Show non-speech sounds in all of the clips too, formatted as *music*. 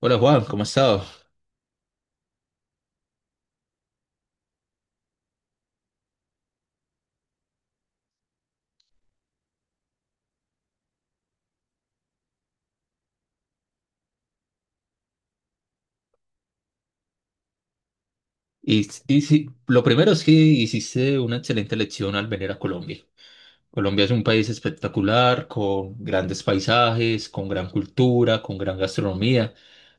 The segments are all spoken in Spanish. Hola Juan, ¿cómo has estado? Y sí, lo primero es que hiciste una excelente elección al venir a Colombia. Colombia es un país espectacular, con grandes paisajes, con gran cultura, con gran gastronomía.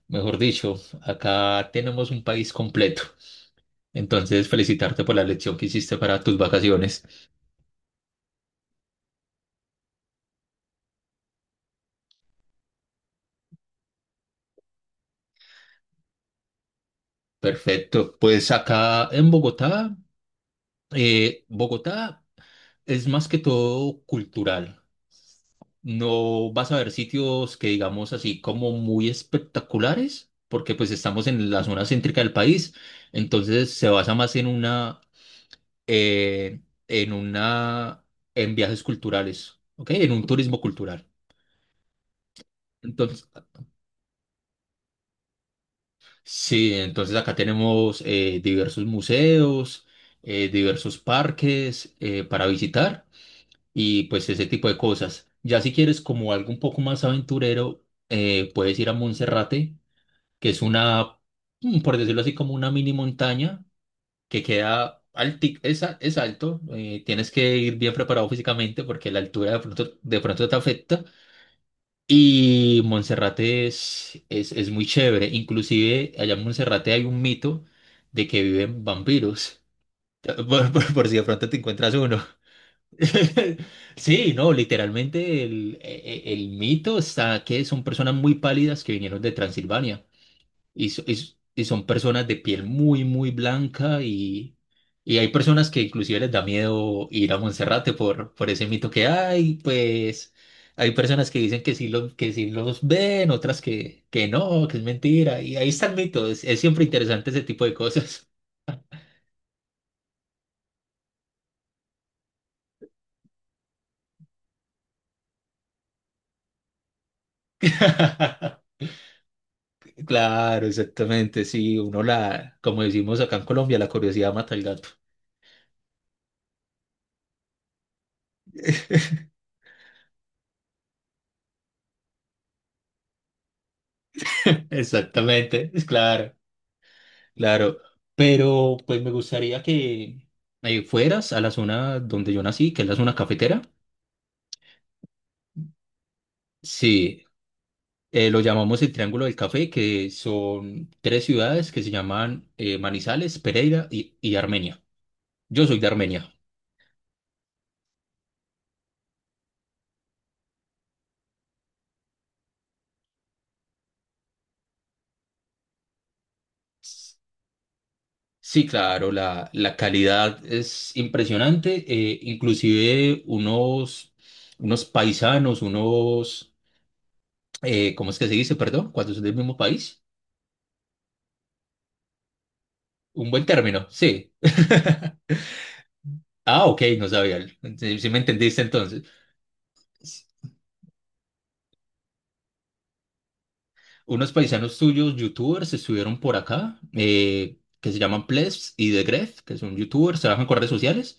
Mejor dicho, acá tenemos un país completo. Entonces, felicitarte por la elección que hiciste para tus vacaciones. Perfecto. Pues acá en Bogotá, Bogotá es más que todo cultural. No vas a ver sitios que digamos así como muy espectaculares, porque pues estamos en la zona céntrica del país, entonces se basa más eh, en una, en viajes culturales, ¿ok? En un turismo cultural. Entonces, sí, entonces acá tenemos diversos museos, diversos parques para visitar, y pues ese tipo de cosas. Ya si quieres como algo un poco más aventurero, puedes ir a Monserrate, que es por decirlo así, como una mini montaña que queda es alto. Tienes que ir bien preparado físicamente porque la altura de pronto te afecta. Y Monserrate es muy chévere. Inclusive allá en Monserrate hay un mito de que viven vampiros. *laughs* Por si de pronto te encuentras uno. *laughs* Sí, no, literalmente el mito está que son personas muy pálidas que vinieron de Transilvania. Y son personas de piel muy, muy blanca, y hay personas que inclusive les da miedo ir a Monserrate por ese mito que hay. Pues hay personas que dicen que sí los ven, otras que no, que es mentira, y ahí está el mito. Es siempre interesante ese tipo de cosas. *laughs* Claro, exactamente, sí, uno como decimos acá en Colombia, la curiosidad mata al gato. *laughs* Exactamente, es claro. Claro, pero pues me gustaría que fueras a la zona donde yo nací, que es la zona cafetera. Sí, lo llamamos el Triángulo del Café, que son tres ciudades que se llaman Manizales, Pereira y Armenia. Yo soy de Armenia. Sí, claro, la calidad es impresionante. Inclusive unos paisanos, ¿cómo es que se dice? Perdón, cuando son del mismo país. Un buen término, sí. Ah, ok, no sabía. Sí, sí me entendiste entonces. S- Unos paisanos tuyos, youtubers, estuvieron por acá, que se llaman Plebs y The Gref, que son youtubers, trabajan en redes sociales.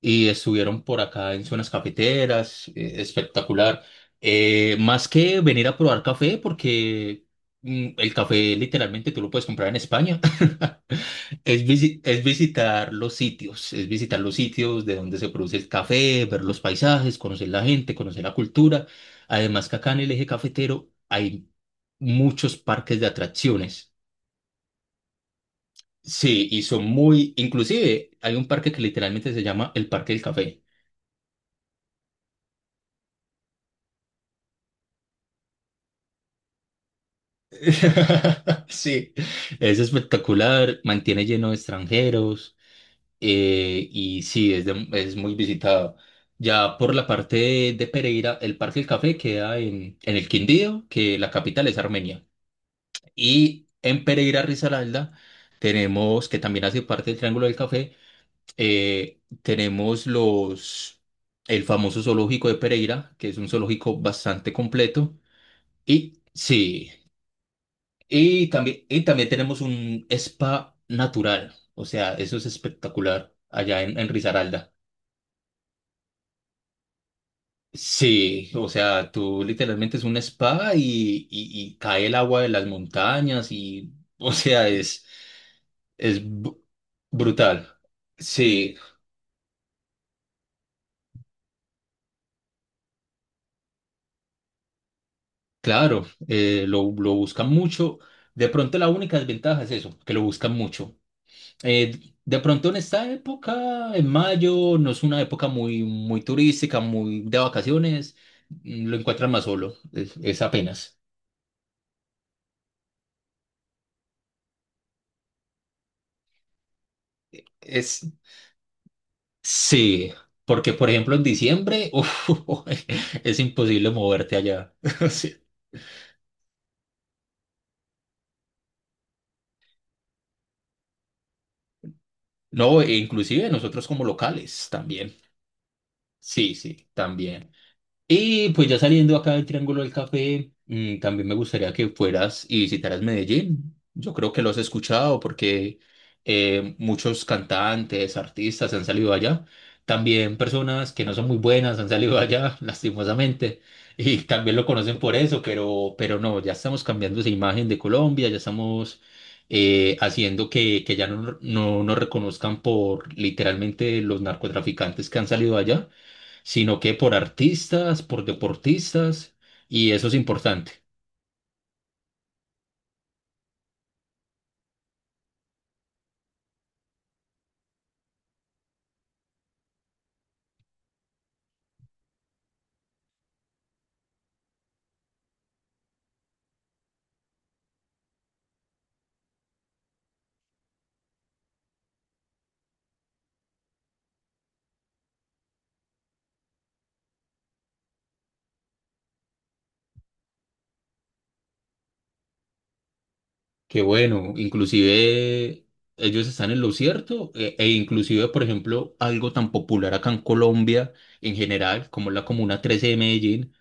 Y estuvieron por acá en zonas cafeteras, espectacular. Más que venir a probar café, porque el café literalmente tú lo puedes comprar en España, *laughs* es visitar los sitios, es visitar los sitios de donde se produce el café, ver los paisajes, conocer la gente, conocer la cultura. Además, que acá en el eje cafetero hay muchos parques de atracciones. Sí, y son muy, inclusive hay un parque que literalmente se llama el Parque del Café. *laughs* Sí, es espectacular, mantiene lleno de extranjeros y sí, es muy visitado. Ya por la parte de Pereira, el Parque del Café queda en el Quindío, que la capital es Armenia. Y en Pereira, Risaralda, tenemos, que también hace parte del Triángulo del Café, tenemos el famoso zoológico de Pereira, que es un zoológico bastante completo. Y sí. Y también tenemos un spa natural, o sea, eso es espectacular allá en Risaralda. Sí, o sea, tú literalmente es un spa y, y cae el agua de las montañas y, *laughs* o sea, es brutal. Sí, claro, lo buscan mucho. De pronto la única desventaja es eso, que lo buscan mucho. Eh, de pronto en esta época, en mayo, no es una época muy, muy turística, muy de vacaciones, lo encuentran más solo, es apenas. Es, Sí, porque por ejemplo en diciembre, *laughs* uf, es imposible moverte allá. *laughs* Sí. No, e inclusive nosotros como locales también. Sí, sí, también. Y pues ya saliendo acá del Triángulo del Café, también me gustaría que fueras y visitaras Medellín. Yo creo que lo has escuchado porque muchos cantantes, artistas han salido allá. También personas que no son muy buenas han salido allá, *laughs* lastimosamente. Y también lo conocen por eso, pero no, ya estamos cambiando esa imagen de Colombia, ya estamos haciendo que ya no nos reconozcan por literalmente los narcotraficantes que han salido allá, sino que por artistas, por deportistas, y eso es importante. Que bueno. Inclusive ellos están en lo cierto, e inclusive, por ejemplo, algo tan popular acá en Colombia en general, como la Comuna 13 de Medellín,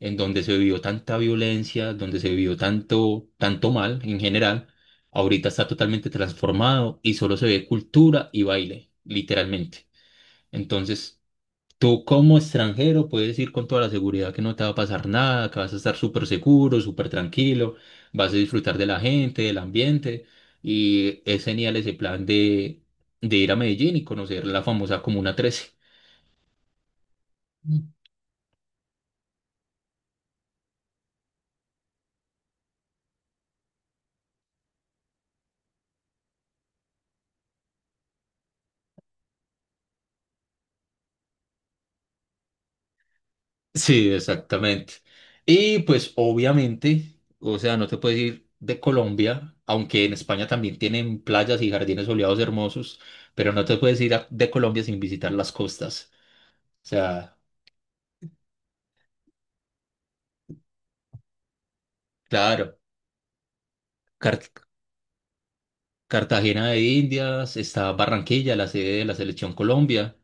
en donde se vivió tanta violencia, donde se vivió tanto, tanto mal en general, ahorita está totalmente transformado y solo se ve cultura y baile, literalmente. Entonces, tú como extranjero puedes ir con toda la seguridad que no te va a pasar nada, que vas a estar súper seguro, súper tranquilo, vas a disfrutar de la gente, del ambiente, y es genial ese plan de ir a Medellín y conocer la famosa Comuna 13. Mm. Sí, exactamente. Y pues obviamente, o sea, no te puedes ir de Colombia, aunque en España también tienen playas y jardines soleados hermosos, pero no te puedes ir de Colombia sin visitar las costas. O sea, claro. Cartagena de Indias, está Barranquilla, la sede de la Selección Colombia.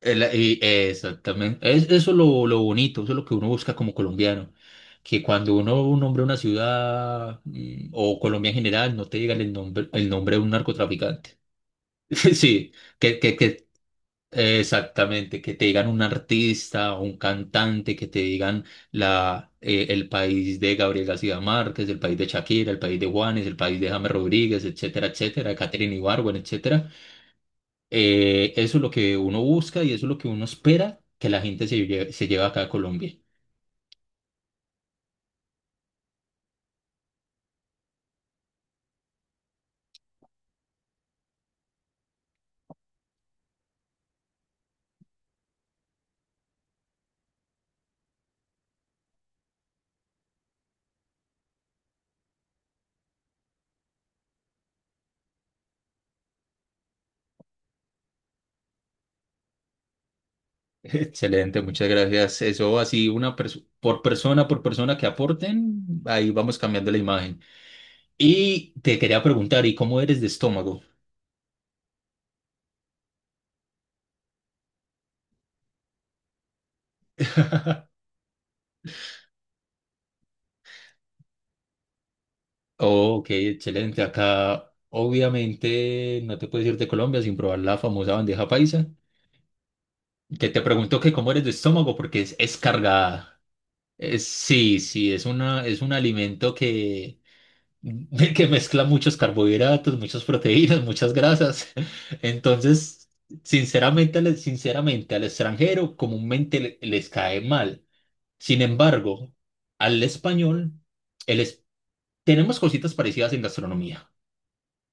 Exactamente. Eso es lo bonito, eso es lo que uno busca como colombiano. Que cuando uno nombra una ciudad o Colombia en general, no te digan el nombre de un narcotraficante. *laughs* Sí, que exactamente, que te digan un artista o un cantante, que te digan el país de Gabriel García Márquez, el país de Shakira, el país de Juanes, el país de James Rodríguez, etcétera, etcétera, Katherine Ibargüen, etcétera. Eso es lo que uno busca y eso es lo que uno espera que la gente se lleve acá a Colombia. *laughs* Excelente, muchas gracias. Eso así, por persona que aporten, ahí vamos cambiando la imagen. Y te quería preguntar, ¿y cómo eres de estómago? *laughs* Ok, excelente. Acá, obviamente, no te puedes ir de Colombia sin probar la famosa bandeja paisa. Que te pregunto que cómo eres de estómago, porque es cargada. Sí, sí, es una, es un alimento que, *laughs* que mezcla muchos carbohidratos, muchas proteínas, muchas grasas. *laughs* Entonces, sinceramente, al extranjero comúnmente les cae mal. Sin embargo, al español, el es- tenemos cositas parecidas en gastronomía.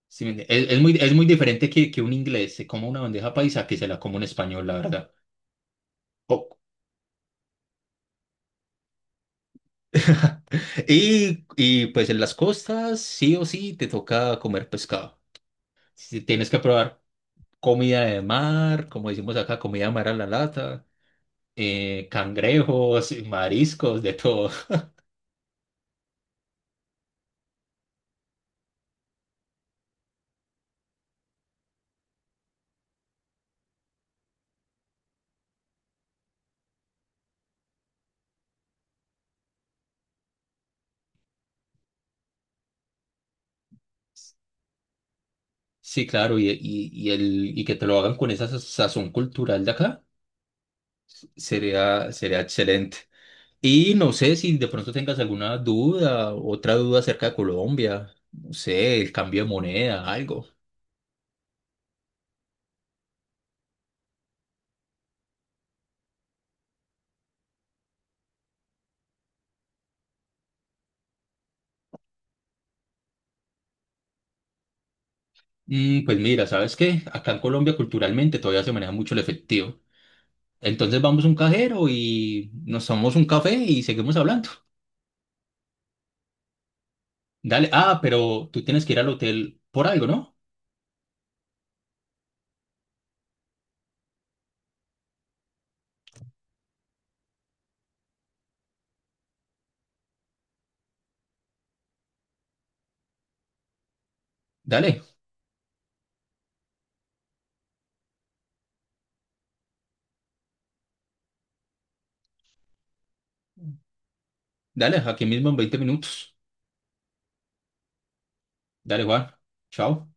Sí, ¿me entiende? Es muy diferente que un inglés se coma una bandeja paisa que se la coma un español, la verdad. O- *laughs* Y, y pues en las costas, sí o sí, te toca comer pescado. Si tienes que probar comida de mar, como decimos acá, comida de mar a la lata, cangrejos, mariscos, de todo. *laughs* Sí, claro, y que te lo hagan con esa sazón cultural de acá, sería excelente. Y no sé si de pronto tengas alguna duda, otra duda acerca de Colombia, no sé, el cambio de moneda, algo. Pues mira, ¿sabes qué? Acá en Colombia culturalmente todavía se maneja mucho el efectivo. Entonces vamos a un cajero y nos tomamos un café y seguimos hablando. Dale, ah, pero tú tienes que ir al hotel por algo, ¿no? Dale, dale, aquí mismo en 20 minutos. Dale, Juan, chao.